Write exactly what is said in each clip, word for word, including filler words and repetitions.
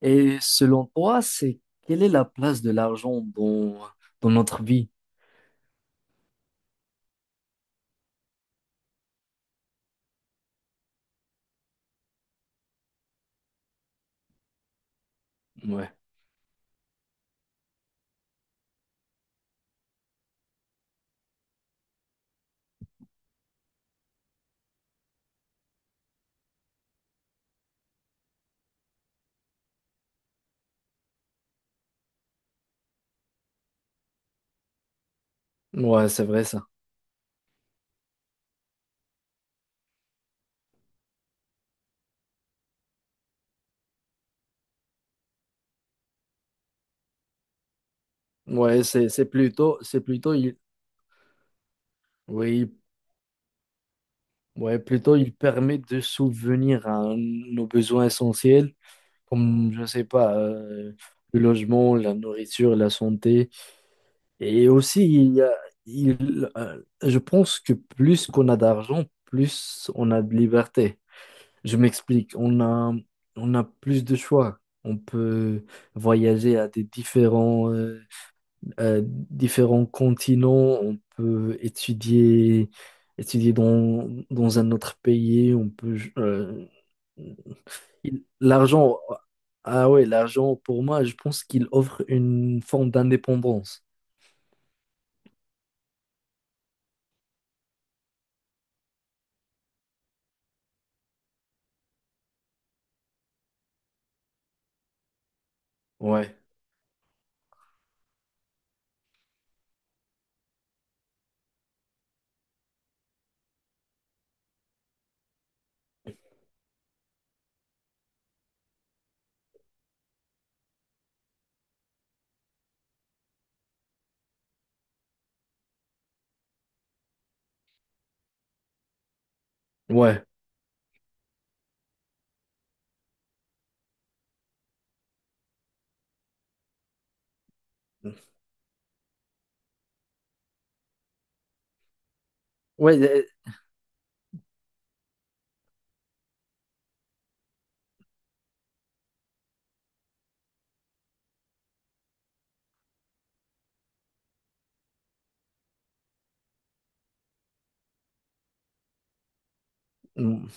Et selon toi, c'est quelle est la place de l'argent dans, dans notre vie? Ouais, ouais, c'est vrai ça. Ouais, c'est c'est plutôt c'est plutôt il oui, ouais, plutôt il permet de souvenir à nos besoins essentiels comme je sais pas euh, le logement, la nourriture, la santé et aussi il y a- il euh, je pense que plus qu'on a d'argent, plus on a de liberté. Je m'explique, on a, on a plus de choix. On peut voyager à des différents, euh, euh, différents continents, on peut étudier, étudier dans, dans un autre pays, on peut... euh, il- l'argent, ah ouais, l'argent pour moi, je pense qu'il offre une forme d'indépendance. Ouais, ouais. Ouais, euh, Mm.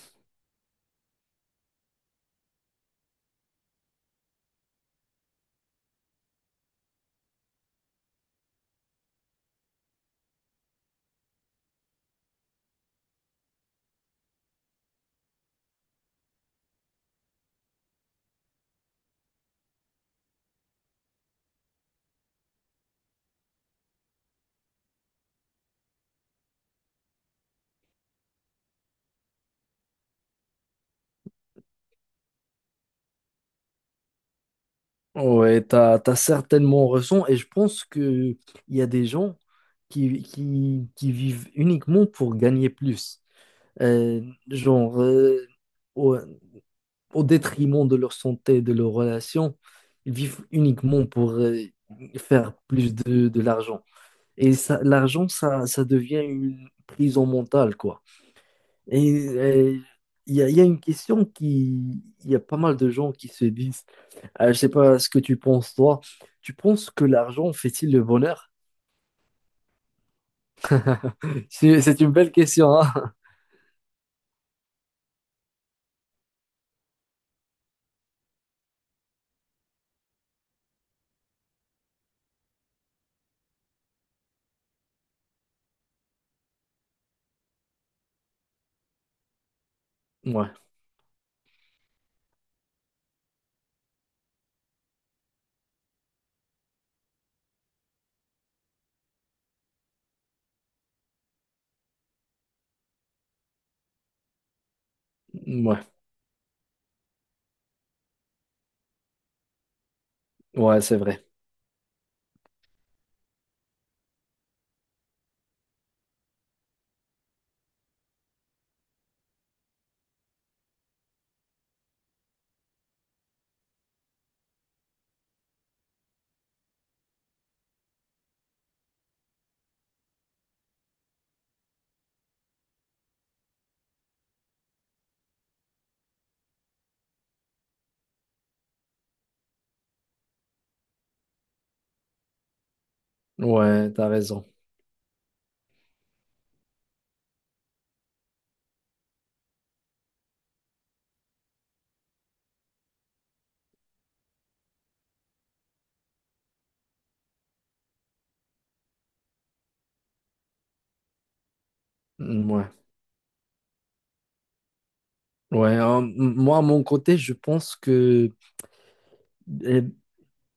Ouais, t'as, t'as certainement raison et je pense que il y a des gens qui, qui, qui vivent uniquement pour gagner plus. Euh, genre, euh, ouais, au détriment de leur santé, de leurs relations. Ils vivent uniquement pour euh, faire plus de, de l'argent. Et ça, l'argent, ça, ça devient une prison mentale, quoi. Et euh, il y a, il y a une question qui... Il y a pas mal de gens qui se disent, euh, je sais pas ce que tu penses, toi. Tu penses que l'argent fait-il le bonheur? C'est c'est une belle question, hein? Ouais, ouais, ouais, c'est vrai. Ouais, t'as raison. Ouais, ouais. Euh, m- moi, à mon côté, je pense que euh,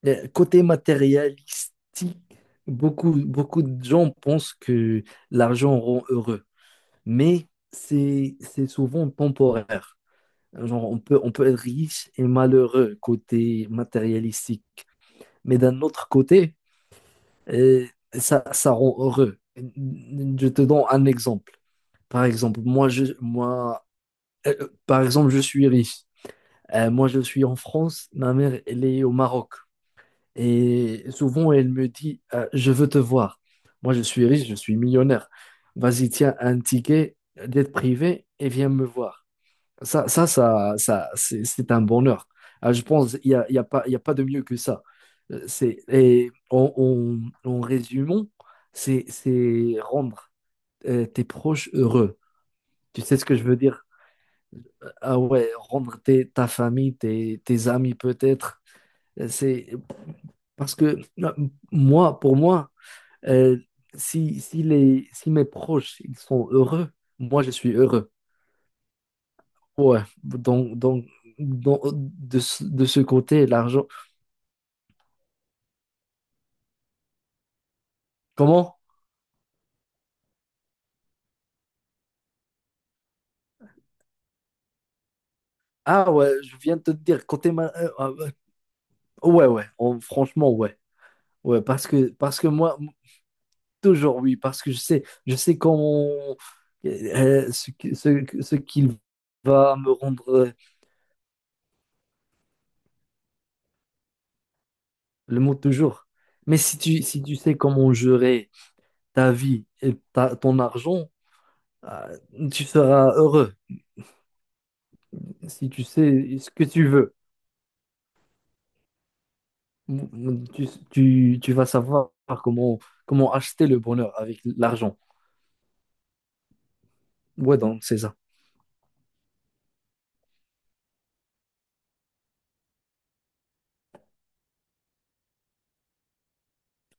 le côté matérialistique, beaucoup, beaucoup de gens pensent que l'argent rend heureux, mais c'est, c'est souvent temporaire. Genre, on peut, on peut être riche et malheureux côté matérialistique, mais d'un autre côté, euh, ça, ça rend heureux. Je te donne un exemple. Par exemple, moi, je, moi, euh, par exemple, je suis riche. Euh, moi, je suis en France, ma mère, elle est au Maroc. Et souvent, elle me dit, euh, je veux te voir. Moi, je suis riche, je suis millionnaire. Vas-y, tiens un ticket d'être privé et viens me voir. Ça, ça, ça, ça, c'est c'est un bonheur. Ah, je pense il n'y a, il y a pas, il y a pas de mieux que ça. Euh, C'est, et en, en- en résumant, c'est, c'est rendre euh, tes proches heureux. Tu sais ce que je veux dire? Ah ouais, rendre tes- ta famille, tes, tes amis peut-être, c'est parce que euh, moi, pour moi, euh, si, si, les, si mes proches ils sont heureux, moi je suis heureux. Ouais, donc, donc, donc, de, ce- de ce côté, l'argent. Comment? Ah ouais, je viens de te dire, côté ma... euh, ah ouais, ouais, ouais, on- franchement, ouais. Ouais, parce que, parce que moi, toujours oui, parce que je sais, je sais comment euh, ce, que- ce, ce qu'il va me rendre. Le mot toujours. Mais si tu, si tu sais comment gérer ta vie et ta- ton argent, euh, tu seras heureux. Si tu sais ce que tu veux, tu, tu, tu vas savoir comment, comment acheter le bonheur avec l'argent. Ouais, donc c'est ça.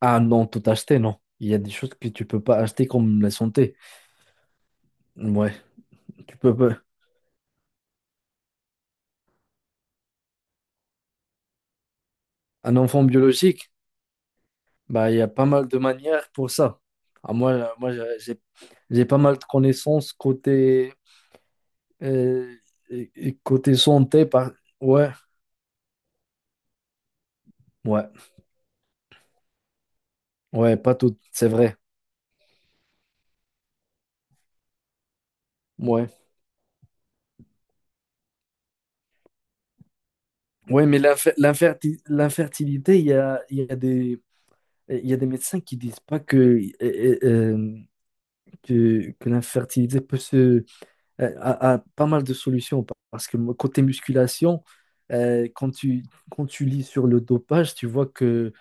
Ah non, tout acheter, non. Il y a des choses que tu peux pas acheter comme la santé. Ouais, tu peux pas. Un enfant biologique, bah, il y a pas mal de manières pour ça. Ah, moi, euh, moi j'ai j'ai j'ai pas mal de connaissances côté Euh, et- et côté santé, par... ouais, ouais, ouais, pas tout, c'est vrai. Ouais, ouais, mais l'infer- l'inferti- l'infertilité, il y a, il y a des, il y a des médecins qui disent pas que, euh, euh, euh, que, que l'infertilité peut se, a, a- a pas mal de solutions parce que côté musculation, euh, quand tu, quand tu lis sur le dopage, tu vois que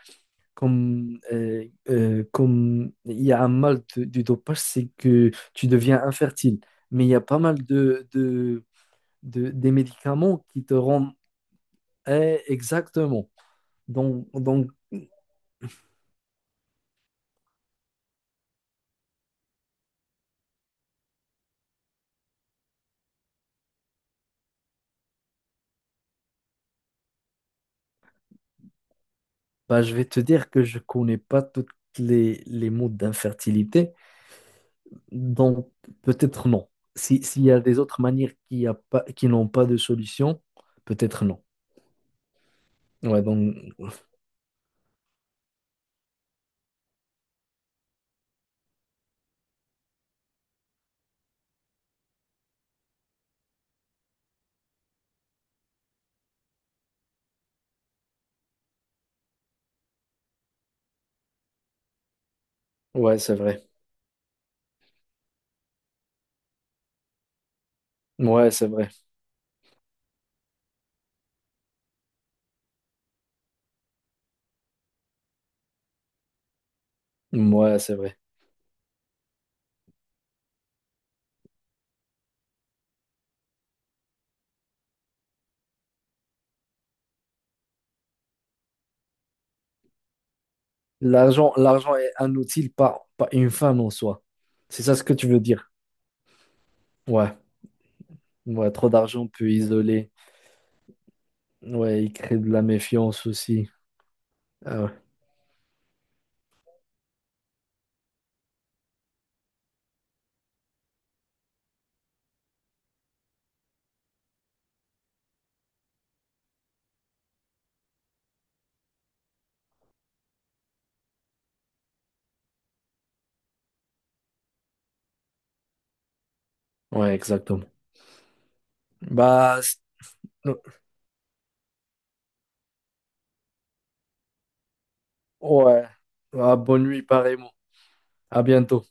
comme, euh, euh, comme il y a un mal de- du dopage, c'est que tu deviens infertile. Mais il y a pas mal de, de, de- des médicaments qui te rendent eh, exactement. Donc, donc bah, je vais te dire que je connais pas toutes les, les modes d'infertilité. Donc, peut-être non. Si, s'il y a des autres manières qui, a pas, qui n'ont pas de solution, peut-être non. Ouais, donc, ouais, c'est vrai. Ouais, c'est vrai. Ouais, c'est vrai. L'argent, l'argent est un outil, pas, pas une fin en soi. C'est ça ce que tu veux dire. Ouais, ouais, trop d'argent peut isoler. Ouais, il crée de la méfiance aussi. Ah ouais, ouais, exactement. Bah, c'est- ouais. Ah, bonne nuit, pareillement. À bientôt.